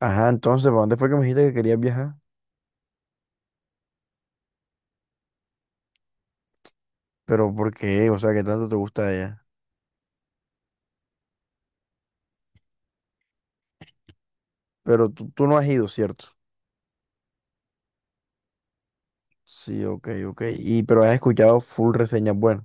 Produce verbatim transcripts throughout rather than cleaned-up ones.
Ajá, entonces, ¿para dónde fue que me dijiste que querías viajar? Pero ¿por qué? O sea, ¿qué tanto te gusta de ella? Pero tú, tú no has ido, ¿cierto? Sí, ok, ok. Y pero has escuchado full reseñas buenas.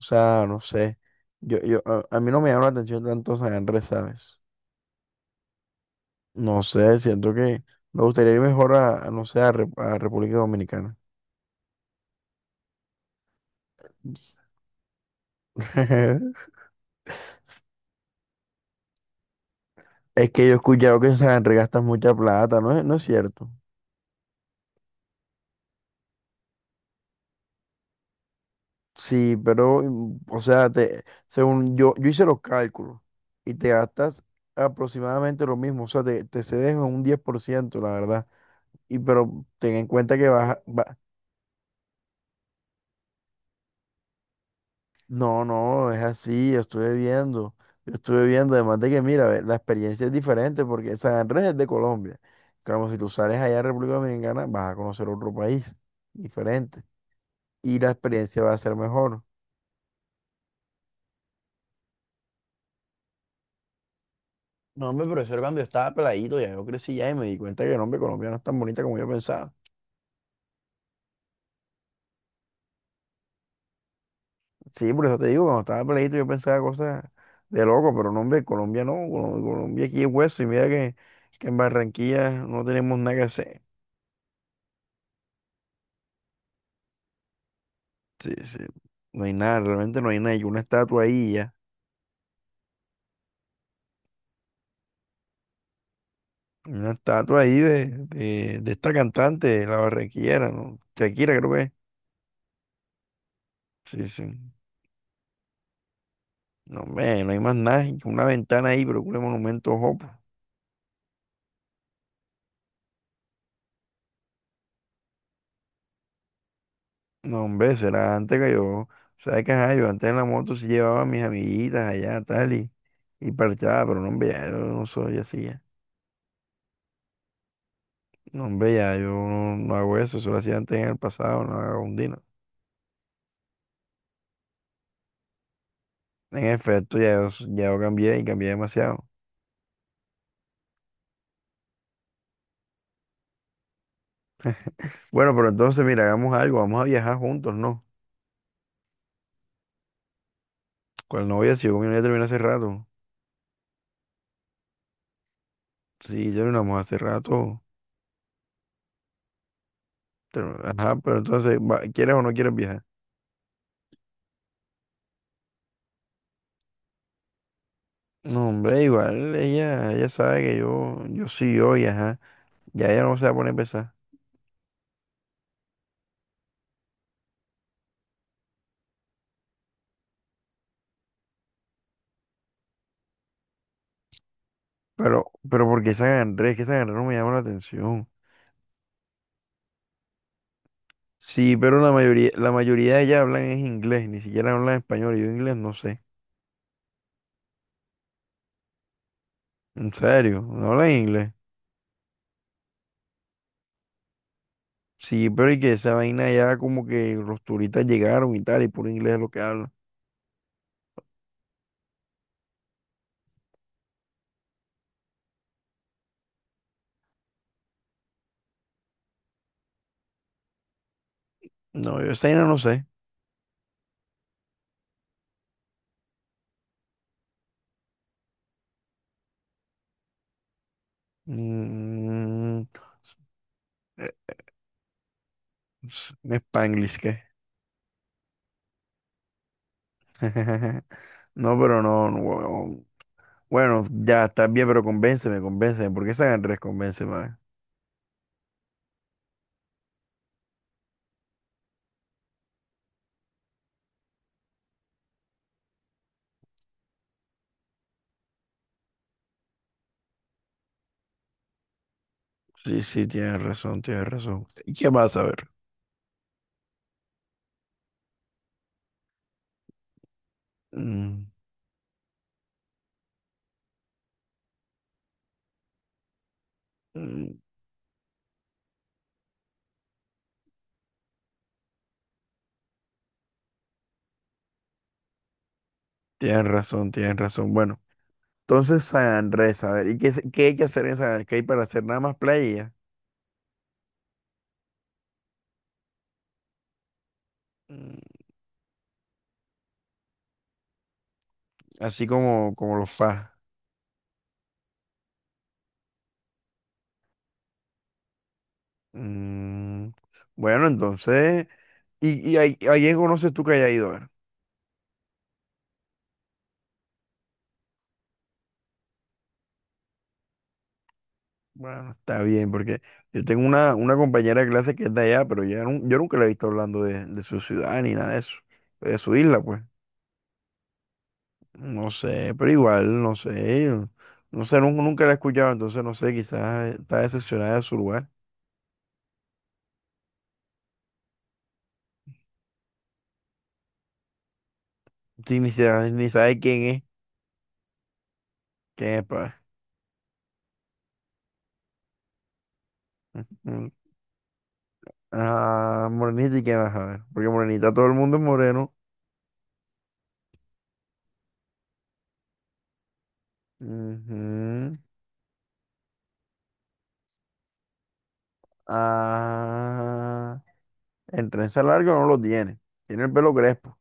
O sea, no sé. Yo, yo, a, a mí no me llama la atención tanto San Andrés, ¿sabes? No sé, siento que me gustaría ir mejor a, a, no sé, a, Re- a República Dominicana. Es que yo he escuchado que en San Andrés gastas mucha plata, ¿no es, no es cierto? Sí, pero, mm, o sea, te, según yo, yo hice los cálculos y te gastas aproximadamente lo mismo, o sea, te, te cedes en un diez por ciento, la verdad. Y pero ten en cuenta que vas, a- va- no, no, es así, yo estuve viendo, yo estuve viendo, además de que, mira, ve, la experiencia es diferente porque San Andrés es de Colombia. Como si tú sales allá a República Dominicana, vas a conocer otro país diferente y la experiencia va a ser mejor. No, hombre, pero eso era cuando yo estaba peladito, ya yo crecí ya y me di cuenta que, no, hombre, Colombia no es tan bonita como yo pensaba. Sí, por eso te digo, cuando estaba peladito yo pensaba cosas de loco, pero no, hombre, Colombia no, Col- Colombia aquí es hueso y mira que, que en Barranquilla no tenemos nada que hacer. Sí, sí, no hay nada, realmente no hay nada, hay una estatua ahí y ya, una estatua ahí de, de, de esta cantante, la barranquillera, ¿no? Shakira creo que es. Sí, sí. No, hombre, no hay más nada, una ventana ahí, pero un monumento, ojo. pues. No, hombre, será antes que yo. Sabes que ajá, yo antes en la moto sí llevaba a mis amiguitas allá, tal, y, y parchaba, pero no, hombre, ya yo no soy así ya. No, hombre, ya yo no, no hago eso, eso lo hacía antes en el pasado, no hago un dino. En efecto, ya yo, s- ya yo cambié y cambié demasiado. Bueno, pero entonces, mira, hagamos algo, vamos a viajar juntos, ¿no? Con la novia, si yo con mi novia terminé hace rato. Sí, terminamos hace rato. pero- Ajá, pero entonces, va- ¿quieres o no quieres viajar? No, hombre, igual ella, ella sabe que yo, yo sí, hoy, ajá. Ya ya no se va a poner a pesar. Pero, pero ¿por qué San Andrés? Que San Andrés no me llama la atención. Sí, pero la mayoría, la mayoría de ellas hablan es inglés, ni siquiera hablan español. Y yo inglés no sé. En serio, no hablan inglés. Sí, pero y que esa vaina ya como que los turistas llegaron y tal, y puro inglés es lo que hablan. No, yo esa vaina no sé. Mm, eh, s- Spanglish, ¿qué? No, pero no, no, huevón. Bueno, ya está bien, pero convénceme, convénceme. ¿Por qué San Andrés? Convénceme. Sí, sí, tienes razón, tienes razón. ¿Y qué más a ver? Mm, mm, tienes razón, tienes razón. Bueno, entonces San Andrés, a ver, ¿y qué, se- qué hay que hacer en San Andrés? ¿Qué hay para hacer nada más playa? Mm, así como, como los FAS. Mm, bueno, entonces, ¿y, y ahí, ahí en conoces tú que haya ido? A ver. Bueno, está bien, porque yo tengo una, una compañera de clase que es de allá, pero ya nun- yo nunca la he visto hablando de, de su ciudad ni nada de eso, de su isla, pues. No sé, pero igual, no sé. No sé, nun- nunca, la he escuchado, entonces no sé, quizás está decepcionada de su lugar. Sí, ni, se- ni sabe quién es, quién es, pa. Ujú. Ah, Morenita y quién vas a ver. Porque Morenita todo el mundo es moreno. Ujú. Ah, en trenza larga no lo tiene. Tiene el pelo crespo.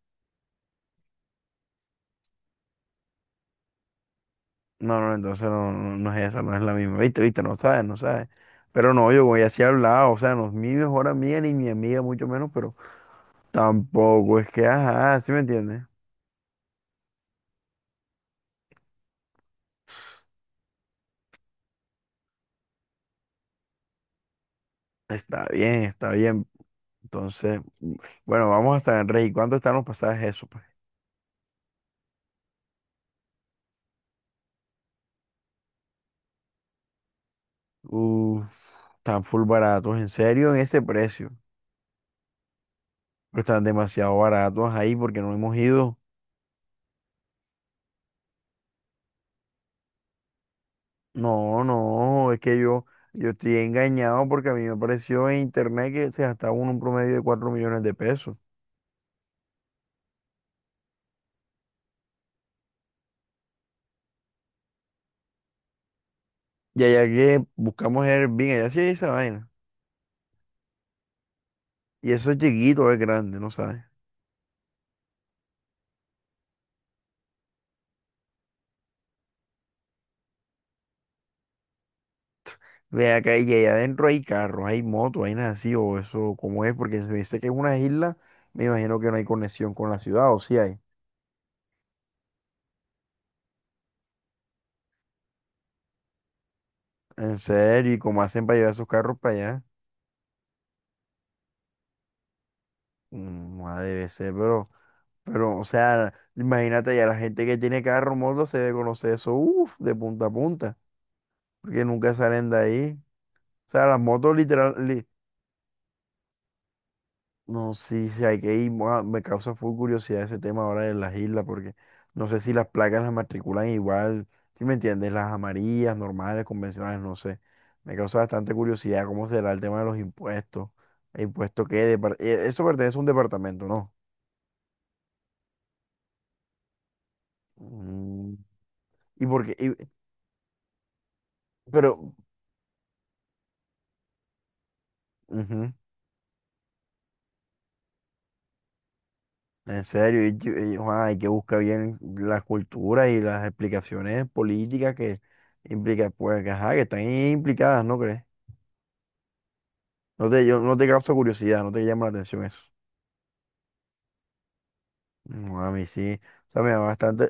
No, no, entonces no, no, no es esa, no es la misma. Viste, viste, no sabes, no sabes. Pero no, yo voy así hablado, o sea, no es mi mejor amiga ni mi amiga, mucho menos, pero. Tampoco es que, ajá, ¿sí me entiendes? Está bien, está bien. Entonces, bueno, vamos hasta el Rey. ¿Cuánto están los pasajes eso, pues? Uf, están full baratos, en serio, en ese precio. Pero están demasiado baratos ahí porque no hemos ido. No, no, es que yo, yo estoy engañado porque a mí me apareció en internet que se gastaba uno un promedio de cuatro millones de pesos. Y allá que buscamos Airbnb, allá sí hay esa vaina. Y eso es chiquito, es grande, ¿no sabes? Ve acá y allá adentro hay carros, hay motos, hay nada así, o eso, ¿cómo es? Porque si me dice que es una isla, me imagino que no hay conexión con la ciudad, o si hay. En serio, ¿y cómo hacen para llevar esos carros para allá? Mm, ah, debe ser, pero, pero, o sea, imagínate ya la gente que tiene carro, moto, se debe conocer eso, uff, de punta a punta, porque nunca salen de ahí. O sea, las motos literal, li- No, sí, sí, hay que ir. Mua, me causa full curiosidad ese tema ahora de las islas, porque no sé si las placas las matriculan igual, ¿si me entiendes? Las amarillas, normales, convencionales, no sé. Me causa bastante curiosidad cómo será el tema de los impuestos. ¿El impuesto qué? Depar- eh, Eso pertenece a un departamento, ¿no? Mm, ¿y por qué? Y- pero, ujú, en serio, y- y- ah, hay que buscar bien las culturas y las explicaciones políticas que implica, pues, que, ajá, que están implicadas, ¿no crees? No te, yo, no te causa curiosidad, no te llama la atención eso. No, a mí sí. O sea, me llama bastante.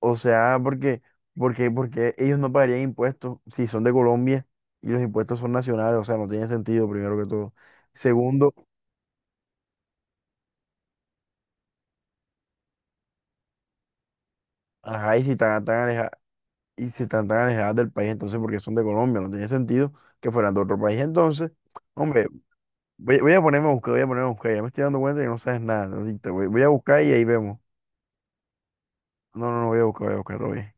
O sea, porque, porque, porque ellos no pagarían impuestos si son de Colombia y los impuestos son nacionales. O sea, no tiene sentido, primero que todo. Segundo, ajá, y si están tan alejadas, y si están tan alejadas del país, entonces porque son de Colombia, no tiene sentido que fueran de otro país. Entonces, hombre, voy, voy a ponerme a buscar, voy a ponerme a buscar. Ya me estoy dando cuenta que no sabes nada. Así que te voy, voy a buscar y ahí vemos. No, no, no, voy a buscar, voy a buscar, oye.